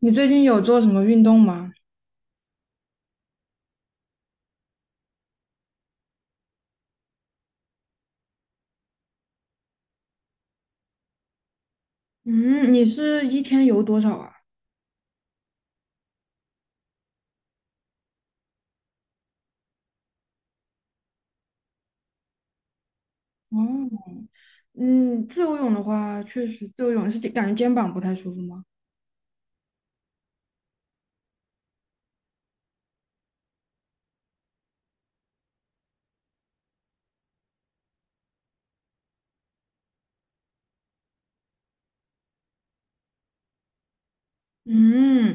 你最近有做什么运动吗？嗯，你是一天游多少啊？哦，嗯，自由泳的话，确实自由泳是感觉肩膀不太舒服吗？嗯，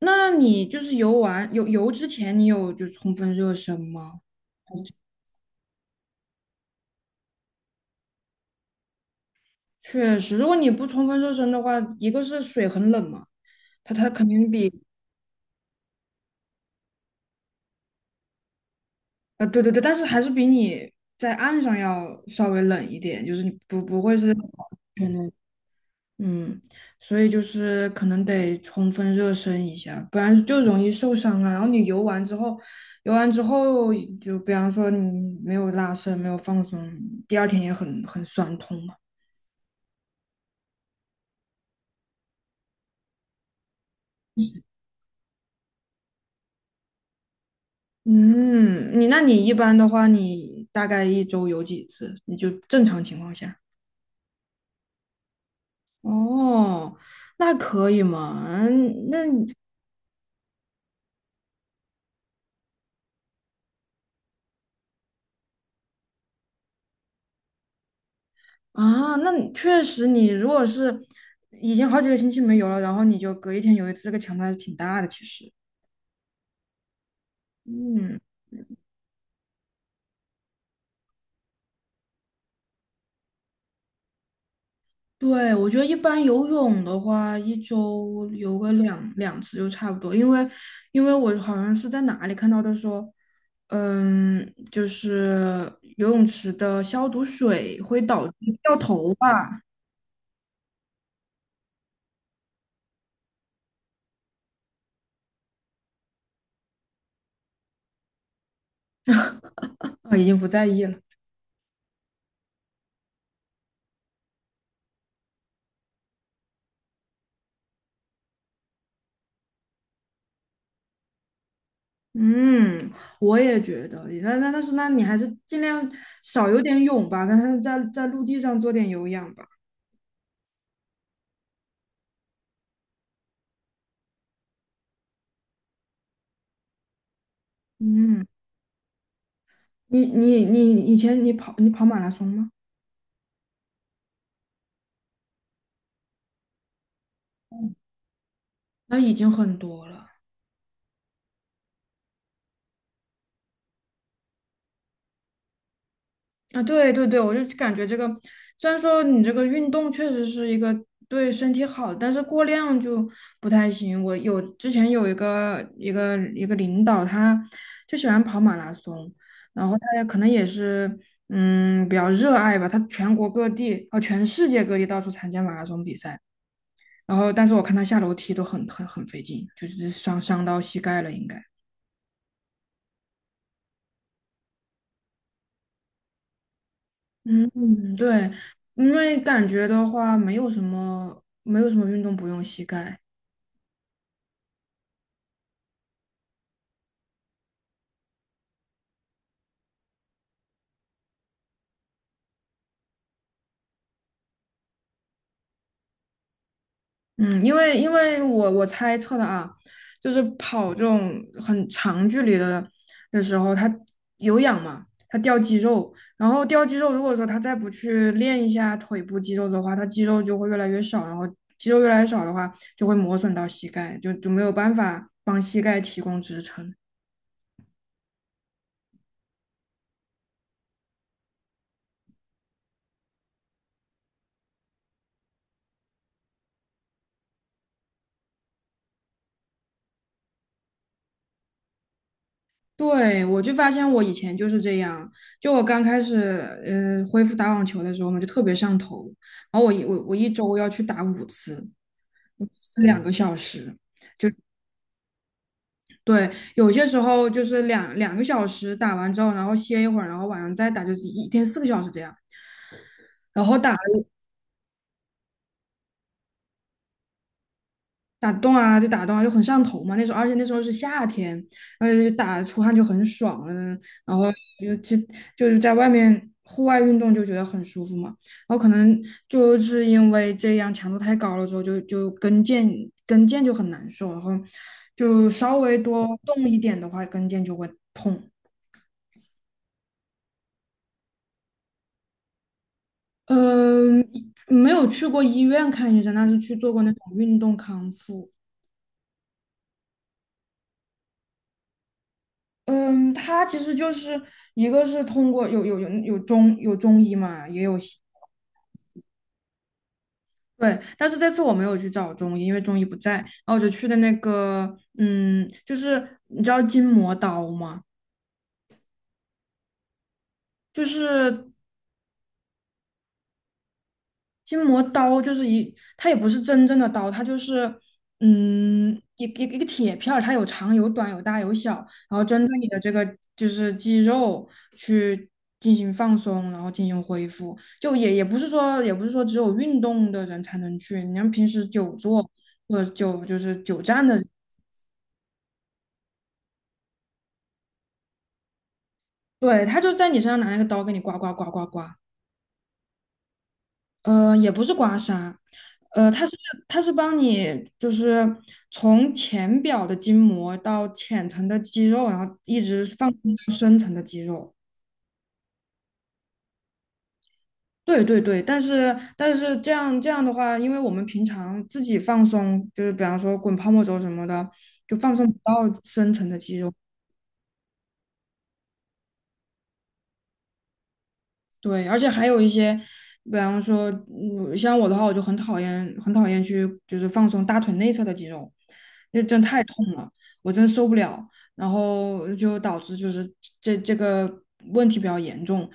那你就是游完游之前，你有就充分热身吗？确实，如果你不充分热身的话，一个是水很冷嘛，它肯定比对对对，但是还是比你在岸上要稍微冷一点，就是你不会是。嗯，所以就是可能得充分热身一下，不然就容易受伤啊。然后你游完之后，游完之后就比方说你没有拉伸，没有放松，第二天也很酸痛嘛。嗯，你那你一般的话，你大概一周游几次？你就正常情况下。哦，那可以嘛？嗯那你啊，那你确实，你如果是已经好几个星期没游了，然后你就隔一天游一次，这个强度还是挺大的，其实。嗯，对，我觉得一般游泳的话，一周游个两次就差不多，因为因为我好像是在哪里看到的说，嗯，就是游泳池的消毒水会导致掉头发，啊，已经不在意了。嗯，我也觉得，那但是那你还是尽量少游点泳吧，跟他在陆地上做点有氧吧。嗯，你以前你跑你跑马拉松吗？那已经很多了。啊，对对对，我就感觉这个，虽然说你这个运动确实是一个对身体好，但是过量就不太行。我有之前有一个领导，他就喜欢跑马拉松，然后他也可能也是嗯比较热爱吧，他全国各地哦全世界各地到处参加马拉松比赛，然后但是我看他下楼梯都很费劲，就是伤到膝盖了应该。嗯，对，因为感觉的话，没有什么，没有什么运动不用膝盖。嗯，因为因为我猜测的啊，就是跑这种很长距离的的时候，它有氧嘛，它掉肌肉，然后掉肌肉，如果说他再不去练一下腿部肌肉的话，他肌肉就会越来越少，然后肌肉越来越少的话，就会磨损到膝盖，就没有办法帮膝盖提供支撑。对，我就发现我以前就是这样，就我刚开始恢复打网球的时候嘛，就特别上头，然后我一周要去打五次，五次两个小时，就对，有些时候就是两个小时打完之后，然后歇一会儿，然后晚上再打，就是一天四个小时这样，然后打了打洞啊，就打洞啊，就很上头嘛。那时候，而且那时候是夏天，然后就打出汗就很爽了。然后尤其就是在外面户外运动就觉得很舒服嘛。然后可能就是因为这样强度太高了之后，就跟腱就很难受，然后就稍微多动一点的话，跟腱就会痛。嗯，没有去过医院看医生，但是去做过那种运动康复。嗯，它其实就是一个是通过有中医嘛，也有西对，但是这次我没有去找中医，因为中医不在，然后我就去的那个，嗯，就是你知道筋膜刀吗？就是筋膜刀就是一，它也不是真正的刀，它就是嗯一个铁片儿，它有长有短有大有小，然后针对你的这个就是肌肉去进行放松，然后进行恢复。就也不是说也不是说只有运动的人才能去，你像平时久坐或者久就是久站的人对，他就在你身上拿那个刀给你刮。也不是刮痧，呃，它是它是帮你就是从浅表的筋膜到浅层的肌肉，然后一直放松到深层的肌肉。对对对，但是这样的话，因为我们平常自己放松，就是比方说滚泡沫轴什么的，就放松不到深层的肌肉。对，而且还有一些，比方说，嗯像我的话，我就很讨厌，很讨厌去就是放松大腿内侧的肌肉，因为真太痛了，我真受不了，然后就导致就是这个问题比较严重。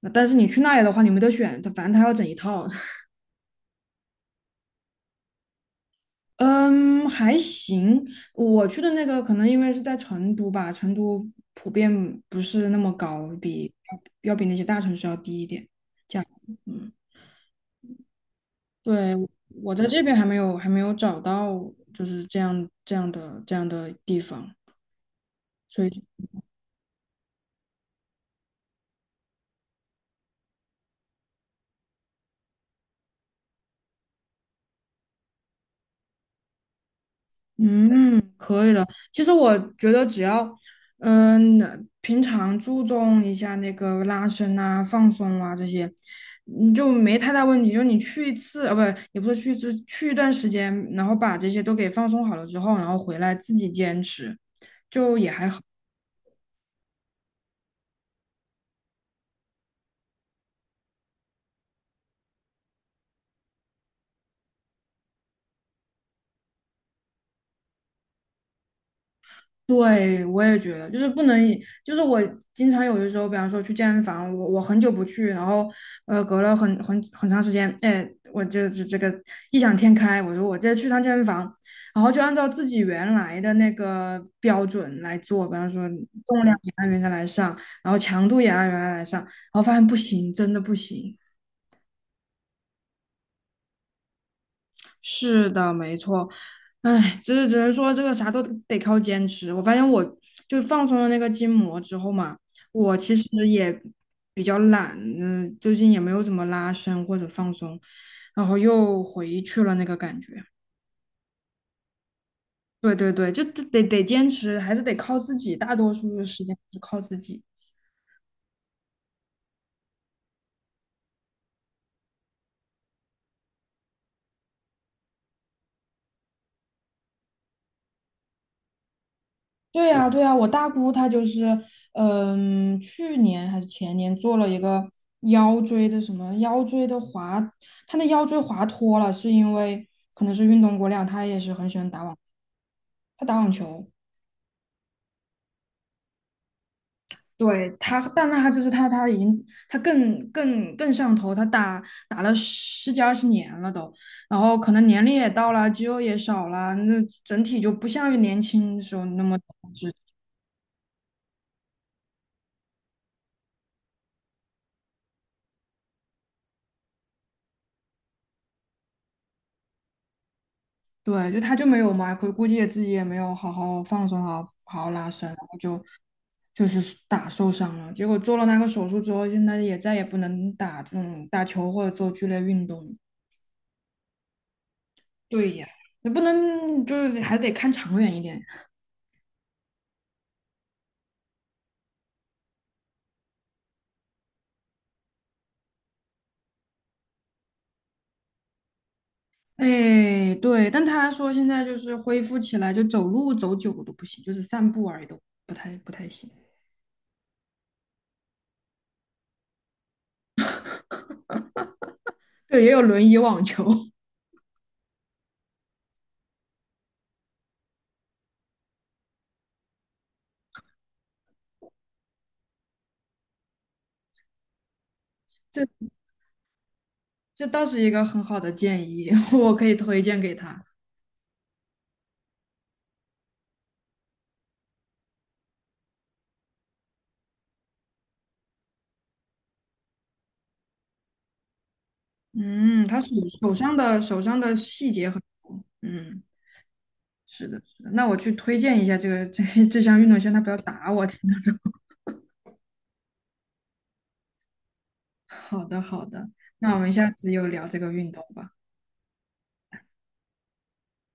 那但是你去那里的话，你没得选，他反正他要整一套。嗯，还行。我去的那个可能因为是在成都吧，成都普遍不是那么高，比要比那些大城市要低一点。价样，嗯。对，我在这边还没有找到，就是这样的地方，所以嗯，可以的。其实我觉得只要嗯平常注重一下那个拉伸啊、放松啊这些，你就没太大问题。就是你去一次啊，不也不是去一次，去一段时间，然后把这些都给放松好了之后，然后回来自己坚持。就。对，我也觉得，就是不能以就是我经常有的时候，比方说去健身房，我很久不去，然后隔了很长时间，哎，我这个异想天开，我说我这去趟健身房，然后就按照自己原来的那个标准来做，比方说重量也按原来来上，然后强度也按原来来上，然后发现不行，真的不行。是的，没错，唉，只能说这个啥都得靠坚持。我发现我就放松了那个筋膜之后嘛，我其实也比较懒，嗯，最近也没有怎么拉伸或者放松，然后又回去了那个感觉。对对对，就得坚持，还是得靠自己，大多数的时间是靠自己。对呀，对呀，我大姑她就是，嗯，去年还是前年做了一个腰椎的什么腰椎的滑，她那腰椎滑脱了，是因为可能是运动过量，她也是很喜欢打网，她打网球，对她，但她就是她，她已经她更上头，她打打了十几二十年了都，然后可能年龄也到了，肌肉也少了，那整体就不像年轻的时候那么。对，就他就没有嘛，可估计也自己也没有好好放松啊，好好拉伸，然后就就是打受伤了。结果做了那个手术之后，现在也再也不能打这种打球或者做剧烈运动了。对呀，你不能就是还得看长远一点。哎，对，但他说现在就是恢复起来，就走路走久了都不行，就是散步而已都不太行。对，也有轮椅网球，这这倒是一个很好的建议，我可以推荐给他。嗯，他手手上的细节很多。嗯，是的，是的。那我去推荐一下这个这项运动，先他不要打我。听到这，好的，好的。那我们下次又聊这个运动吧。